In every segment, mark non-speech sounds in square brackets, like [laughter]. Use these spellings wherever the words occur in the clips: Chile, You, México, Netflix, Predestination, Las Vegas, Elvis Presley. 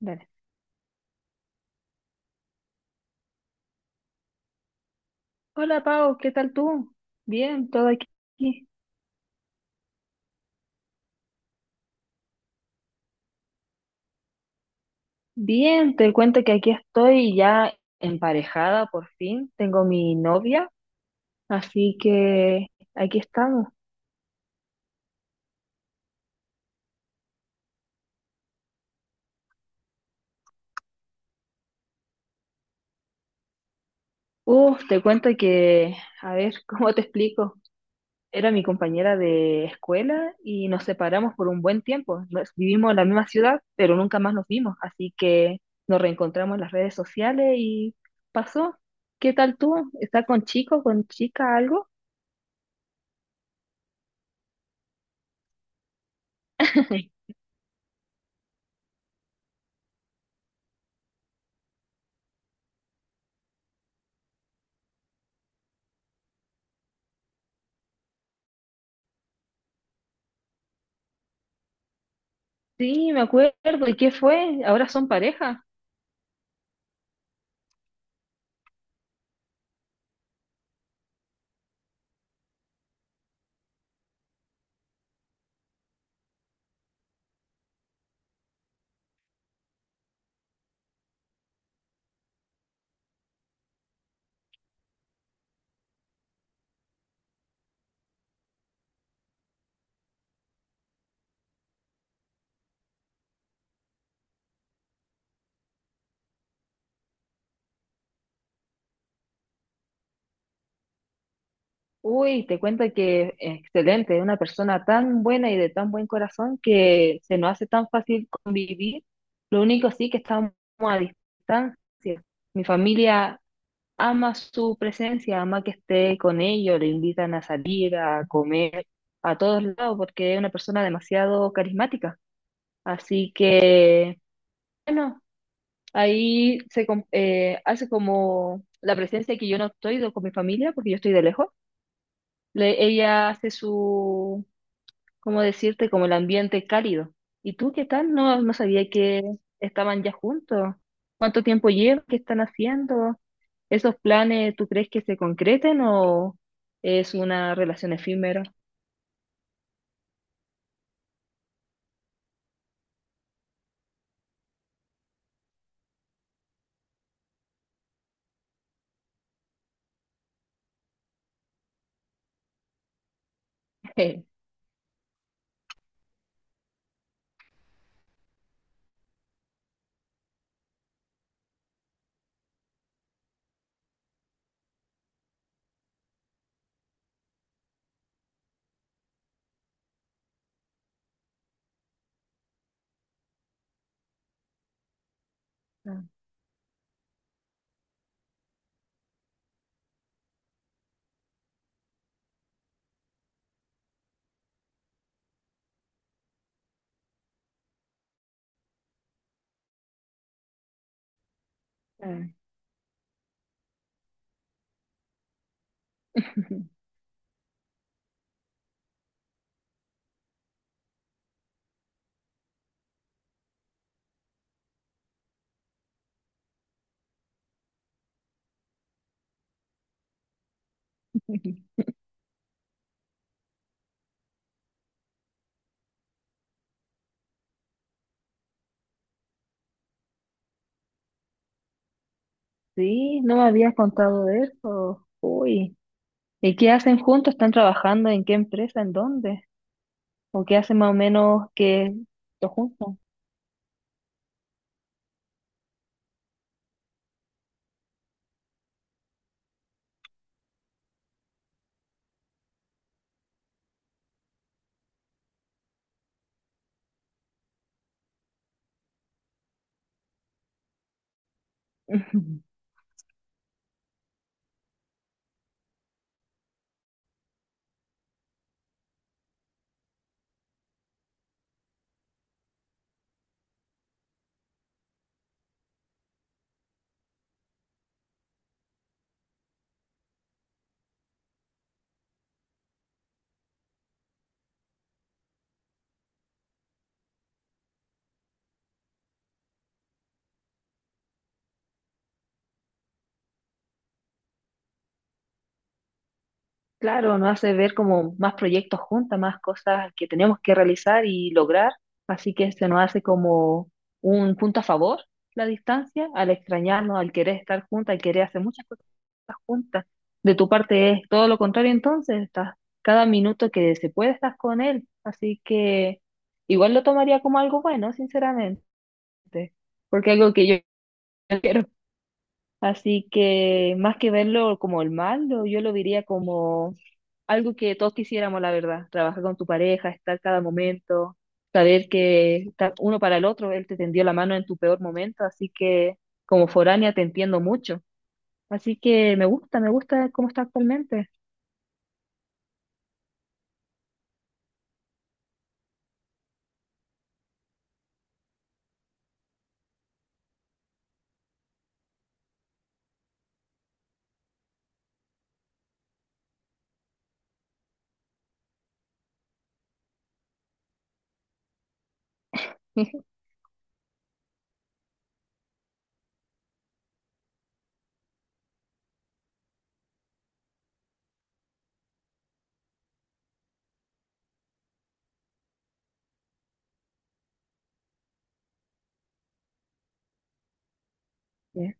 Dale. Hola Pau, ¿qué tal tú? Bien, todo aquí. Bien, te cuento que aquí estoy ya emparejada por fin. Tengo mi novia, así que aquí estamos. Te cuento que, a ver, [laughs] ¿cómo te explico? Era mi compañera de escuela y nos separamos por un buen tiempo. Vivimos en la misma ciudad, pero nunca más nos vimos, así que nos reencontramos en las redes sociales y pasó. ¿Qué tal tú? ¿Estás con chico, con chica, algo? [laughs] Sí, me acuerdo. ¿Y qué fue? ¿Ahora son pareja? Uy, te cuento que excelente, una persona tan buena y de tan buen corazón que se nos hace tan fácil convivir. Lo único sí que estamos a distancia. Mi familia ama su presencia, ama que esté con ellos, le invitan a salir, a comer, a todos lados, porque es una persona demasiado carismática. Así que, bueno. Ahí se hace como la presencia que yo no estoy con mi familia, porque yo estoy de lejos. Ella hace su, ¿cómo decirte? Como el ambiente cálido. ¿Y tú qué tal? No, sabía que estaban ya juntos. ¿Cuánto tiempo llevan? ¿Qué están haciendo? ¿Esos planes tú crees que se concreten o es una relación efímera? [laughs] Ah, ah. [laughs] Sí, no me habías contado de eso. Uy. ¿Y qué hacen juntos? ¿Están trabajando en qué empresa? ¿En dónde? ¿O qué hacen más o menos que lo juntos? [laughs] Ujú. Claro, nos hace ver como más proyectos juntas, más cosas que tenemos que realizar y lograr. Así que se nos hace como un punto a favor la distancia, al extrañarnos, al querer estar juntas, al querer hacer muchas cosas juntas. De tu parte es todo lo contrario, entonces estás cada minuto que se puede estás con él. Así que igual lo tomaría como algo bueno, sinceramente. Este, porque algo que yo [laughs] no quiero. Así que más que verlo como el mal, yo lo diría como algo que todos quisiéramos, la verdad. Trabajar con tu pareja, estar cada momento, saber que está uno para el otro, él te tendió la mano en tu peor momento, así que como foránea te entiendo mucho. Así que me gusta, cómo está actualmente. [laughs] Yeah.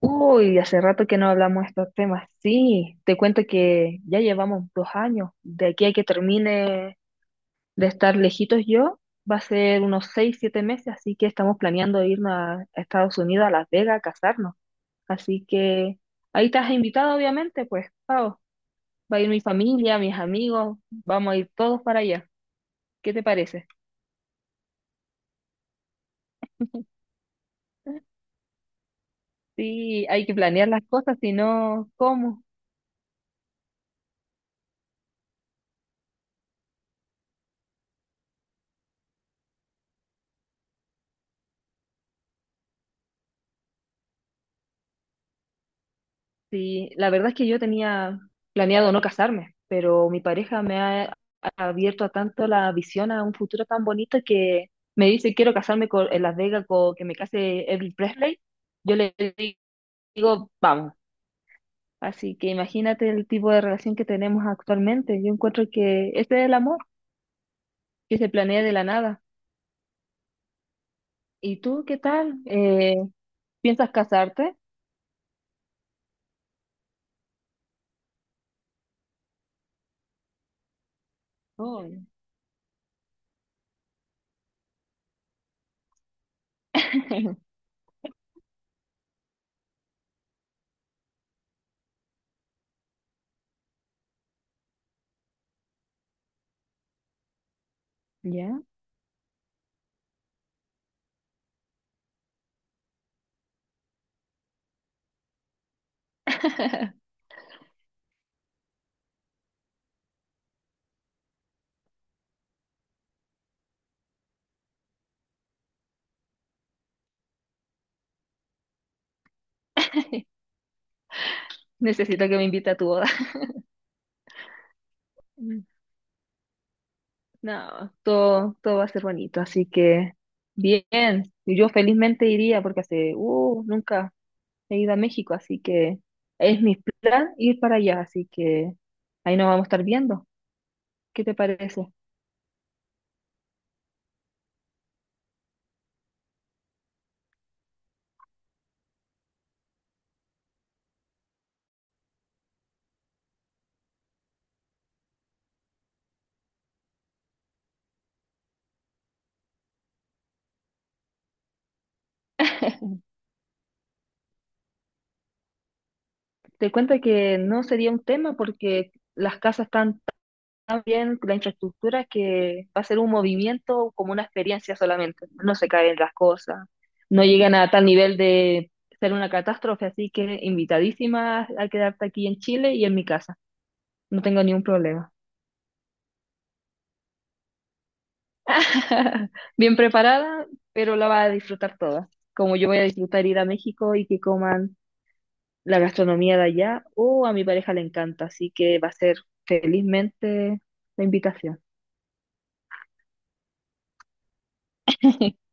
Uy, hace rato que no hablamos de estos temas. Sí, te cuento que ya llevamos 2 años. De aquí a que termine de estar lejitos yo, va a ser unos 6, 7 meses, así que estamos planeando irnos a Estados Unidos, a Las Vegas, a casarnos. Así que ahí estás invitado, obviamente, pues, Pao. Va a ir mi familia, mis amigos, vamos a ir todos para allá. ¿Qué te parece? Sí, hay que planear las cosas, si no, ¿cómo? Sí, la verdad es que yo tenía planeado no casarme, pero mi pareja me ha abierto a tanto la visión a un futuro tan bonito que me dice quiero casarme con, en Las Vegas con que me case Elvis Presley. Yo le digo, vamos. Así que imagínate el tipo de relación que tenemos actualmente. Yo encuentro que este es el amor que se planea de la nada. ¿Y tú qué tal? ¿Piensas casarte? Oh, [laughs] ya. [laughs] Necesito que me invite a tu boda. No, todo va a ser bonito, así que bien. Y yo felizmente iría porque hace, nunca he ido a México, así que es mi plan ir para allá, así que ahí nos vamos a estar viendo. ¿Qué te parece? [laughs] Te cuento que no sería un tema porque las casas están bien la infraestructura que va a ser un movimiento como una experiencia solamente. No se caen las cosas, no llegan a tal nivel de ser una catástrofe, así que invitadísima a quedarte aquí en Chile y en mi casa. No tengo ningún problema. [laughs] Bien preparada, pero la vas a disfrutar toda. Como yo voy a disfrutar ir a México y que coman la gastronomía de allá, o a mi pareja le encanta, así que va a ser felizmente la invitación. [laughs]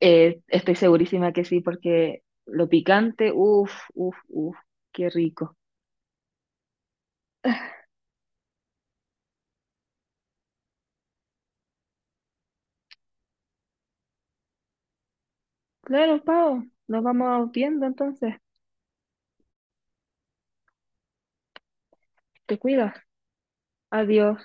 Estoy segurísima que sí, porque lo picante, uff, uff, uff, qué rico. Claro, Pau, nos vamos viendo entonces. Te cuidas. Adiós.